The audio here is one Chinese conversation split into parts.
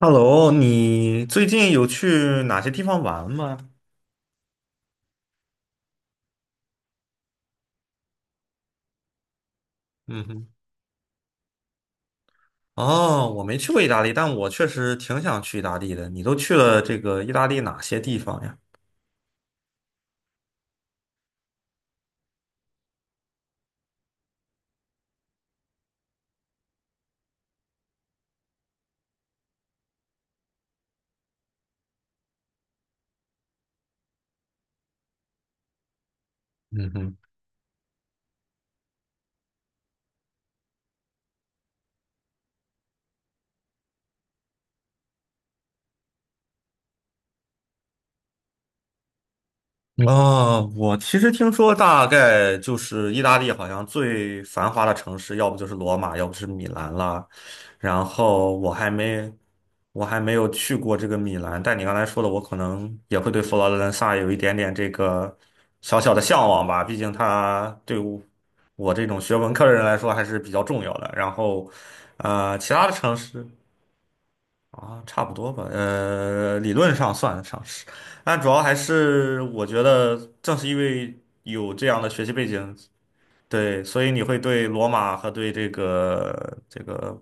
Hello，你最近有去哪些地方玩吗？嗯哼。哦，我没去过意大利，但我确实挺想去意大利的。你都去了这个意大利哪些地方呀？嗯哼。啊，我其实听说，大概就是意大利好像最繁华的城市，要不就是罗马，要不是米兰啦。然后我还没，我还没有去过这个米兰，但你刚才说的，我可能也会对佛罗伦萨有一点点这个小小的向往吧。毕竟它对我这种学文科的人来说还是比较重要的。然后，其他的城市。啊，差不多吧，理论上算得上是，但主要还是我觉得，正是因为有这样的学习背景，对，所以你会对罗马和对这个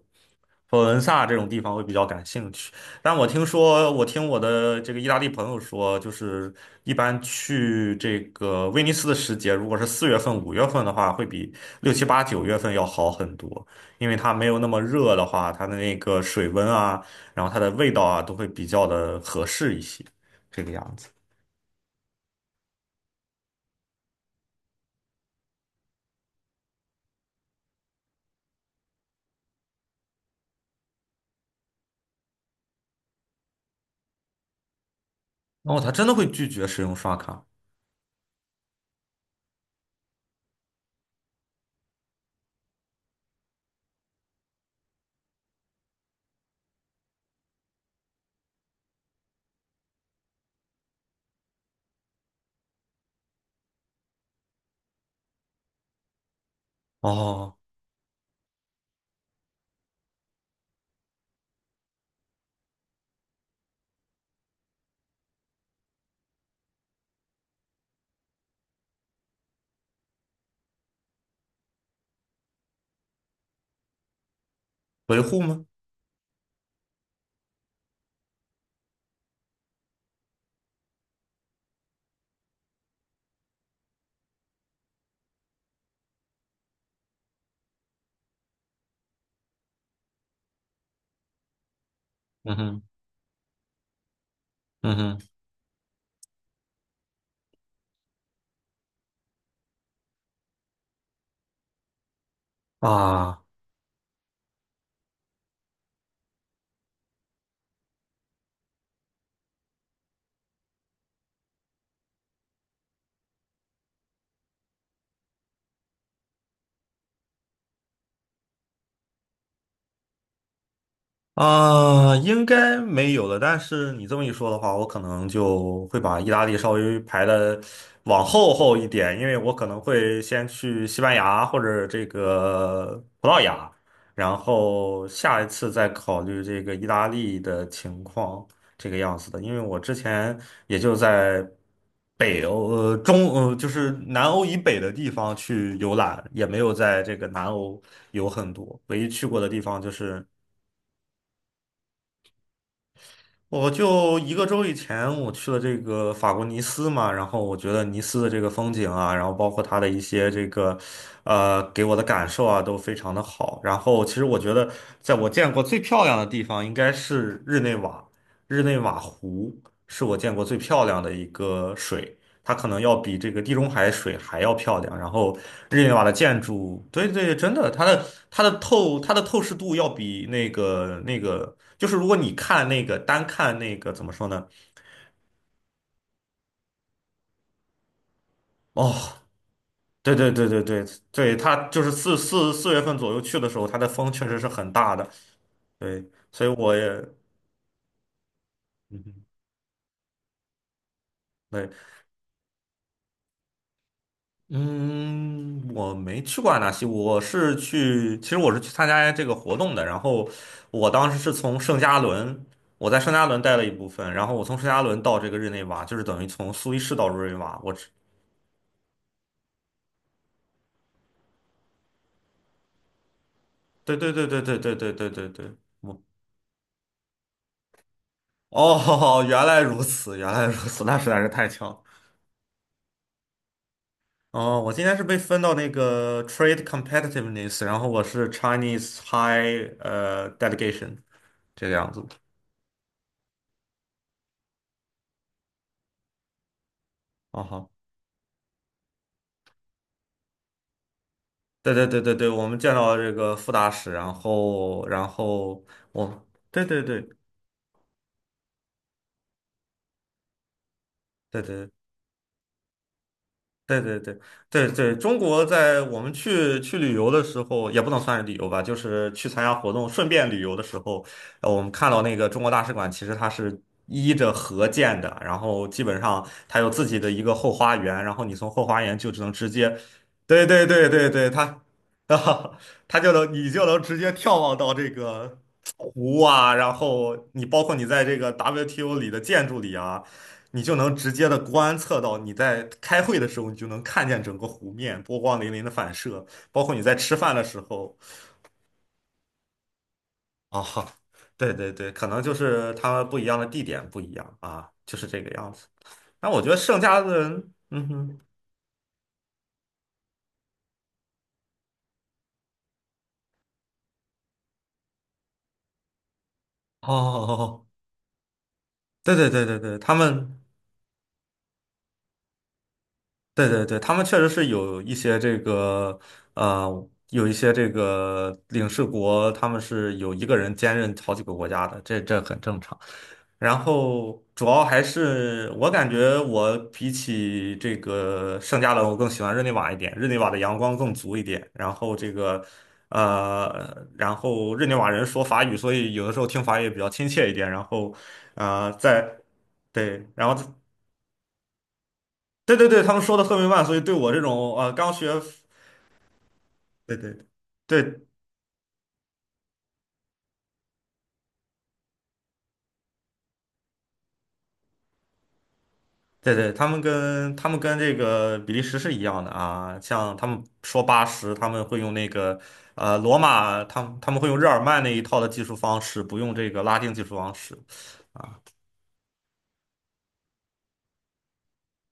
佛罗伦萨这种地方会比较感兴趣。但我听说，我听我的这个意大利朋友说，就是一般去这个威尼斯的时节，如果是四月份、五月份的话，会比六七八九月份要好很多，因为它没有那么热的话，它的那个水温啊，然后它的味道啊，都会比较的合适一些，这个样子。哦，他真的会拒绝使用刷卡。哦，维护吗？嗯哼，嗯哼。啊啊，应该没有了。但是你这么一说的话，我可能就会把意大利稍微排的往后一点，因为我可能会先去西班牙或者这个葡萄牙，然后下一次再考虑这个意大利的情况，这个样子的。因为我之前也就在北欧，就是南欧以北的地方去游览，也没有在这个南欧有很多，唯一去过的地方就是。我就一个周以前，我去了这个法国尼斯嘛，然后我觉得尼斯的这个风景啊，然后包括它的一些这个，给我的感受啊，都非常的好。然后其实我觉得，在我见过最漂亮的地方应该是日内瓦，日内瓦湖是我见过最漂亮的一个水。它可能要比这个地中海水还要漂亮。然后日内瓦的建筑，对对，真的，它的透视度要比那个，就是如果你看那个单看那个怎么说呢？哦，对对对对对对，它就是四月份左右去的时候，它的风确实是很大的。对，所以我也，嗯哼，对。嗯，我没去过阿纳西，我是去，其实我是去参加这个活动的。然后我当时是从圣加仑，我在圣加仑待了一部分，然后我从圣加仑到这个日内瓦，就是等于从苏黎世到日内瓦。我只，对对对对对对对对对对，我哦，原来如此，原来如此，那实在是太巧了。哦，我今天是被分到那个 Trade Competitiveness，然后我是 Chinese High Delegation 这个样子的。哦好。对对对对对，我们见到这个副大使，然后然后我，对对对对对对对对对对，中国在我们去旅游的时候，也不能算是旅游吧，就是去参加活动，顺便旅游的时候，我们看到那个中国大使馆，其实它是依着河建的，然后基本上它有自己的一个后花园，然后你从后花园就只能直接，对对对对对，它。啊，它就能，你就能直接眺望到这个湖啊，然后你包括你在这个 WTO 里的建筑里啊，你就能直接的观测到你在开会的时候，你就能看见整个湖面波光粼粼的反射，包括你在吃饭的时候啊，对对对，可能就是他们不一样的地点不一样啊，就是这个样子。那我觉得圣家的人，嗯哼，哦，对对对对对，他们。对对对，他们确实是有一些这个，呃，有一些这个领事国，他们是有一个人兼任好几个国家的，这很正常。然后主要还是我感觉我比起这个圣加仑，我更喜欢日内瓦一点，日内瓦的阳光更足一点。然后这个，然后日内瓦人说法语，所以有的时候听法语也比较亲切一点。然后，啊，在对，然后对对对，他们说的特别慢，所以对我这种刚学，对对对对对，他们跟这个比利时是一样的啊，像他们说八十，他们会用那个罗马，他们会用日耳曼那一套的技术方式，不用这个拉丁技术方式。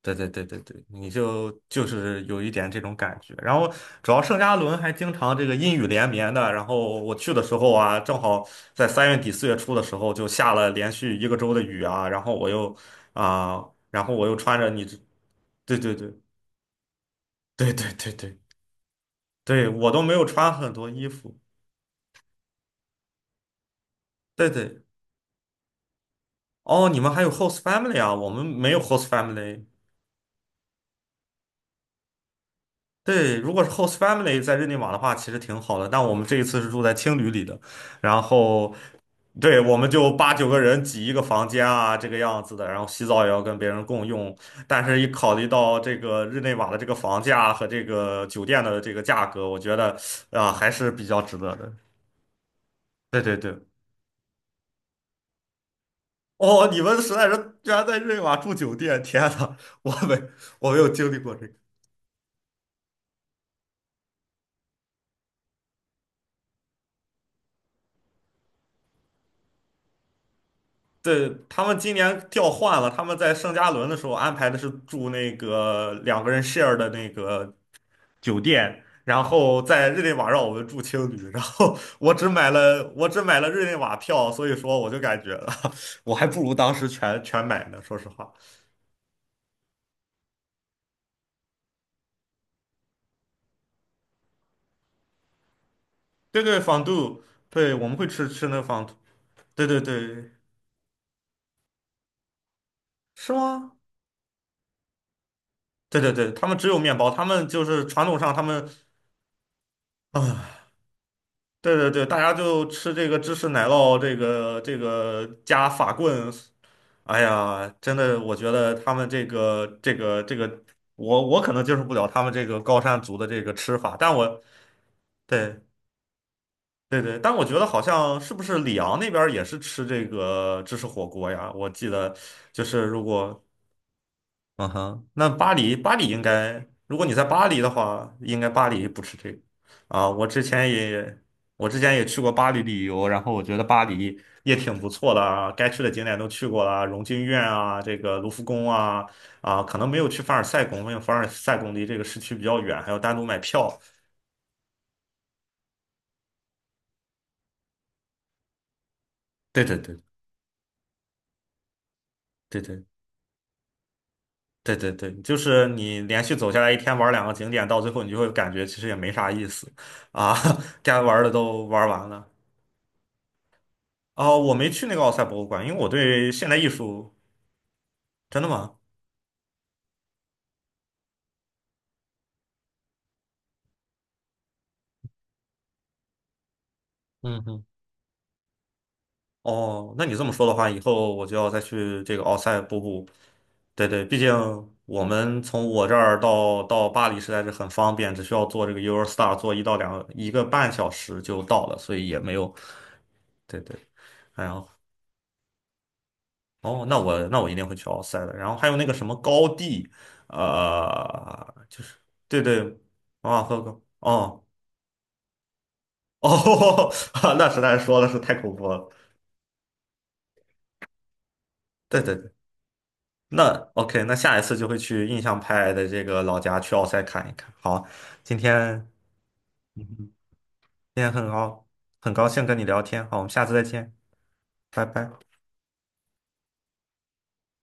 对对对对对，你就是有一点这种感觉。然后主要圣加仑还经常这个阴雨连绵的。然后我去的时候啊，正好在三月底四月初的时候就下了连续一个周的雨啊。然后我又啊、然后我又穿着你这，对对对对对对对对，我都没有穿很多衣服。对对，哦，你们还有 host family 啊？我们没有 host family。对，如果是 host family 在日内瓦的话，其实挺好的。但我们这一次是住在青旅里的，然后，对，我们就八九个人挤一个房间啊，这个样子的。然后洗澡也要跟别人共用，但是一考虑到这个日内瓦的这个房价和这个酒店的这个价格，我觉得啊，还是比较值得的。对对对。哦，你们实在是居然在日内瓦住酒店，天呐，我没我没有经历过这个。对，他们今年调换了，他们在圣加伦的时候安排的是住那个两个人 share 的那个酒店，然后在日内瓦让我们住青旅，然后我只买了日内瓦票，所以说我就感觉 我还不如当时全买呢，说实话。对对，仿度，对，我们会吃那个仿度，对对对，是吗？对对对，他们只有面包，他们就是传统上他们。啊。对对对，大家就吃这个芝士奶酪，这个加法棍，哎呀，真的，我觉得他们这个，我可能接受不了他们这个高山族的这个吃法，但我对对对，但我觉得好像是不是里昂那边儿也是吃这个芝士火锅呀？我记得就是如果嗯哼，那巴黎，巴黎应该，如果你在巴黎的话，应该巴黎不吃这个啊。我之前也，我之前也去过巴黎旅游，然后我觉得巴黎也挺不错的啊，该去的景点都去过了，荣军院啊，这个卢浮宫啊，啊，可能没有去凡尔赛宫，因为凡尔赛宫离这个市区比较远，还要单独买票。对对对对对对对对，就是你连续走下来一天玩两个景点，到最后你就会感觉其实也没啥意思啊，该玩的都玩完了。哦，我没去那个奥赛博物馆，因为我对现代艺术，真的吗？嗯哼，哦，那你这么说的话，以后我就要再去这个奥赛博布。对对，毕竟我们从我这儿到巴黎实在是很方便，只需要坐这个 Eurostar 坐一到两一个半小时就到了，所以也没有。对对，然后哦，那我一定会去奥赛的。然后还有那个什么高地，就是对对，马马赫高哦。哦，那实在是说的是太恐怖了。对对对，那 OK，那下一次就会去印象派的这个老家去奥赛看一看。好，今天嗯哼今天很高兴跟你聊天，好，我们下次再见，拜拜。